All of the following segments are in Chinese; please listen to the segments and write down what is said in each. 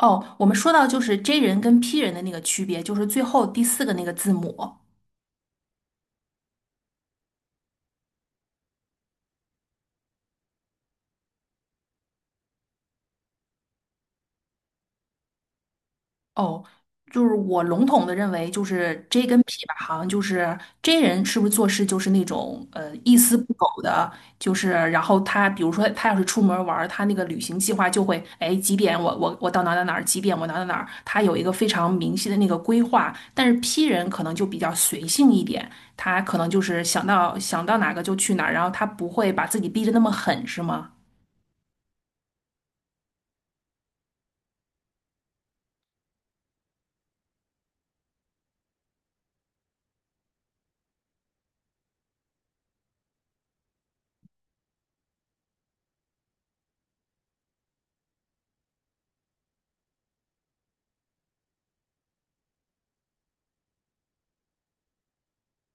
哦，我们说到就是 J 人跟 P 人的那个区别，就是最后第四个那个字母。哦，就是我笼统的认为，就是 J 跟 P 吧，好像就是 J 人是不是做事就是那种一丝不苟的。就是然后他比如说他要是出门玩儿，他那个旅行计划就会，哎，几点我到哪儿哪儿哪儿，几点我哪儿哪儿哪儿，他有一个非常明晰的那个规划。但是 P 人可能就比较随性一点，他可能就是想到哪个就去哪儿，然后他不会把自己逼得那么狠，是吗？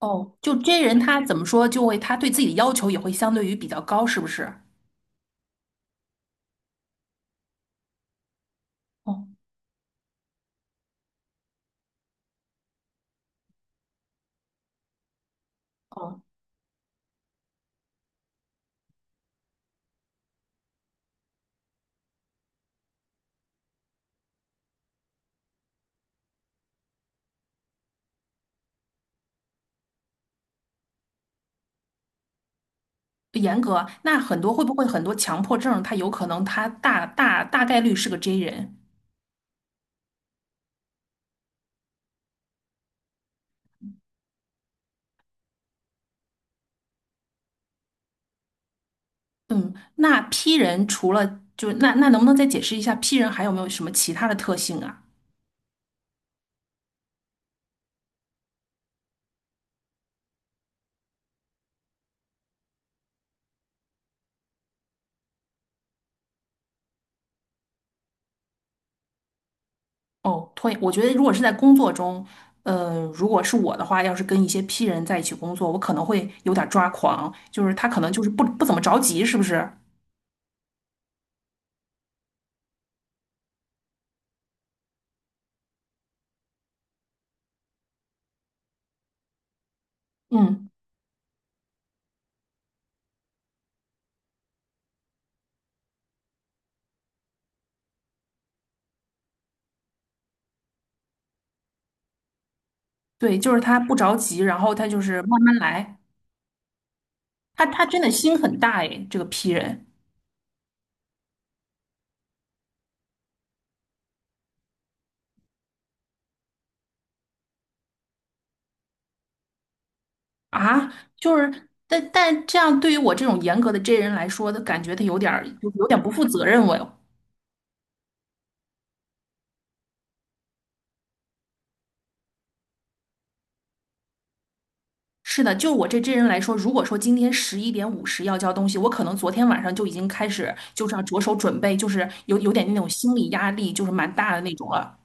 哦，就 J 人他怎么说，就会他对自己的要求也会相对于比较高，是不是？哦哦，严格。那很多，会不会很多强迫症，他有可能他大概率是个 J 人。嗯，那 P 人除了就那能不能再解释一下 P 人还有没有什么其他的特性啊？哦，拖延我觉得如果是在工作中，如果是我的话，要是跟一些 P 人在一起工作，我可能会有点抓狂，就是他可能就是不怎么着急，是不是？嗯。对，就是他不着急，然后他就是慢慢来。他他真的心很大诶，这个 P 人啊。就是，但但这样对于我这种严格的 J 人来说，他感觉他有点儿就是有点不负责任我哟。是的，就我这 J 人来说，如果说今天11:50要交东西，我可能昨天晚上就已经开始就是要着手准备，就是有点那种心理压力，就是蛮大的那种了。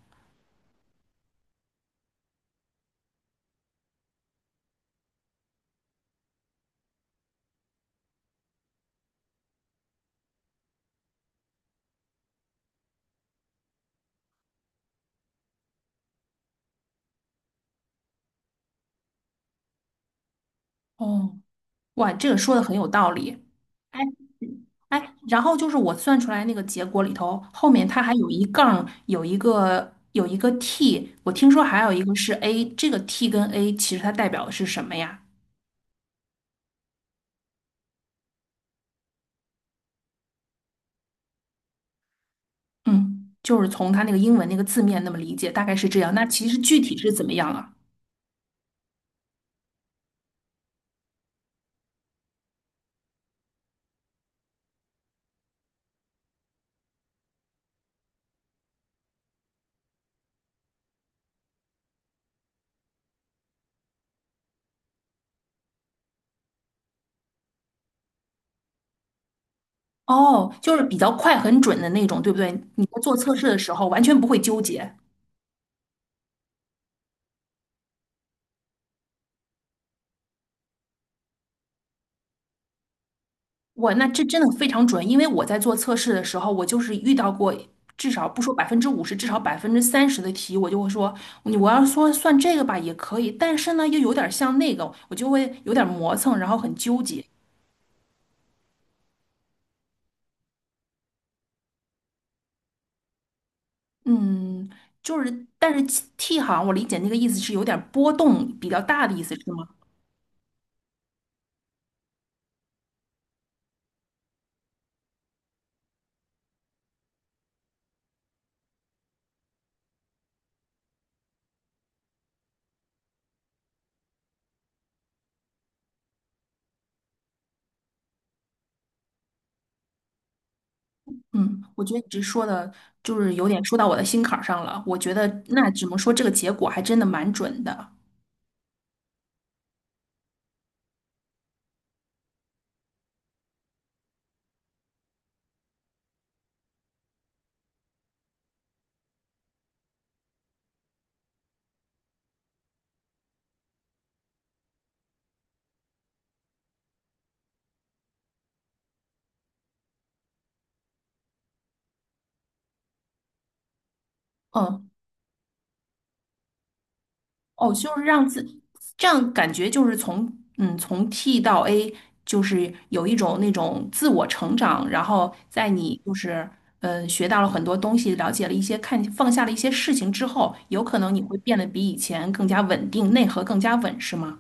哦，哇，这个说的很有道理。哎哎，然后就是我算出来那个结果里头，后面它还有一杠，有一个 t,我听说还有一个是 a,这个 t 跟 a 其实它代表的是什么呀？嗯，就是从它那个英文那个字面那么理解，大概是这样。那其实具体是怎么样啊？哦，就是比较快很准的那种，对不对？你在做测试的时候完全不会纠结。我那这真的非常准，因为我在做测试的时候，我就是遇到过至少不说50%，至少30%的题，我就会说，你我要说算这个吧也可以，但是呢又有点像那个，我就会有点磨蹭，然后很纠结。就是，但是 T 好像我理解那个意思是有点波动比较大的意思，是吗？嗯，我觉得你这说的就是有点说到我的心坎儿上了。我觉得那只能说这个结果还真的蛮准的。嗯，哦，就是让自这样感觉就是从嗯从 T 到 A,就是有一种那种自我成长，然后在你就是嗯学到了很多东西，了解了一些看放下了一些事情之后，有可能你会变得比以前更加稳定，内核更加稳，是吗？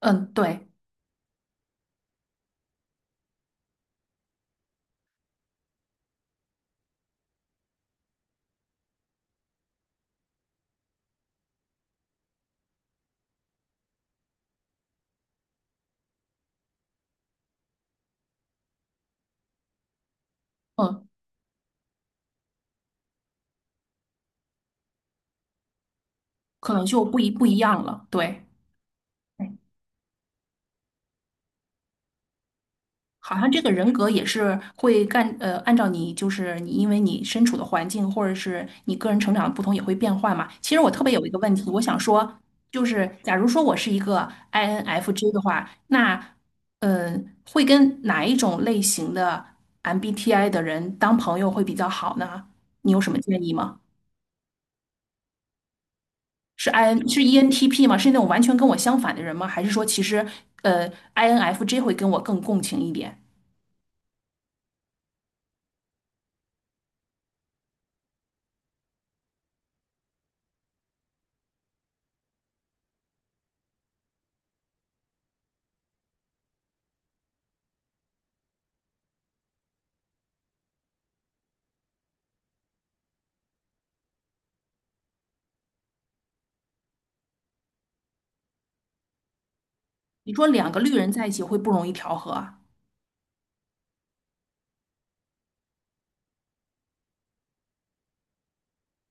嗯，对，嗯，可能就不一样了，对。好像这个人格也是会干，按照你就是你，因为你身处的环境或者是你个人成长的不同也会变化嘛。其实我特别有一个问题，我想说，就是假如说我是一个 INFJ 的话，那呃，会跟哪一种类型的 MBTI 的人当朋友会比较好呢？你有什么建议吗？是 IN 是 ENTP 吗？是那种完全跟我相反的人吗？还是说其实呃 INFJ 会跟我更共情一点？你说两个绿人在一起会不容易调和啊？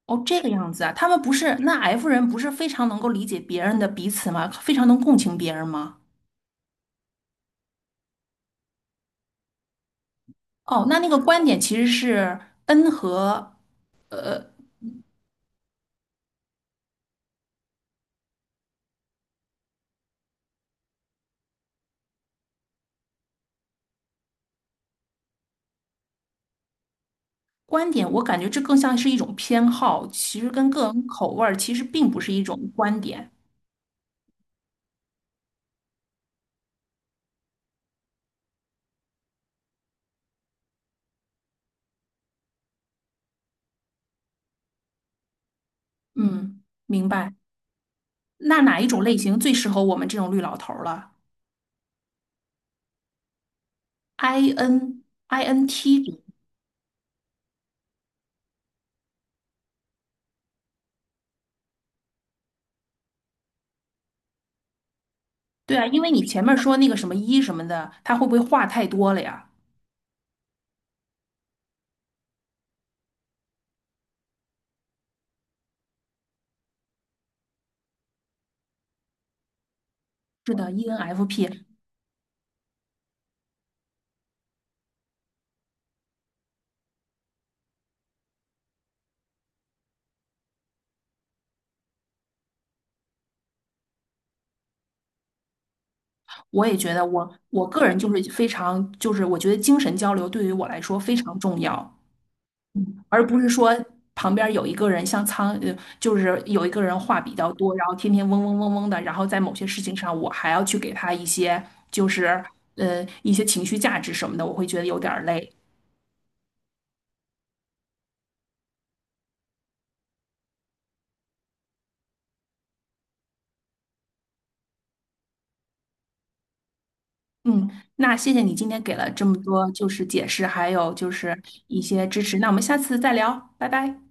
哦，这个样子啊，他们不是，那 F 人不是非常能够理解别人的彼此吗？非常能共情别人吗？哦，那那个观点其实是 N 和观点，我感觉这更像是一种偏好，其实跟个人口味儿其实并不是一种观点。嗯，明白。那哪一种类型最适合我们这种绿老头儿了？I N I N T,人对啊，因为你前面说那个什么一什么的，他会不会话太多了呀？是的，ENFP。我也觉得我个人就是非常就是我觉得精神交流对于我来说非常重要，而不是说旁边有一个人像就是有一个人话比较多，然后天天嗡嗡嗡嗡的，然后在某些事情上我还要去给他一些就是一些情绪价值什么的，我会觉得有点儿累。嗯，那谢谢你今天给了这么多就是解释，还有就是一些支持，那我们下次再聊，拜拜。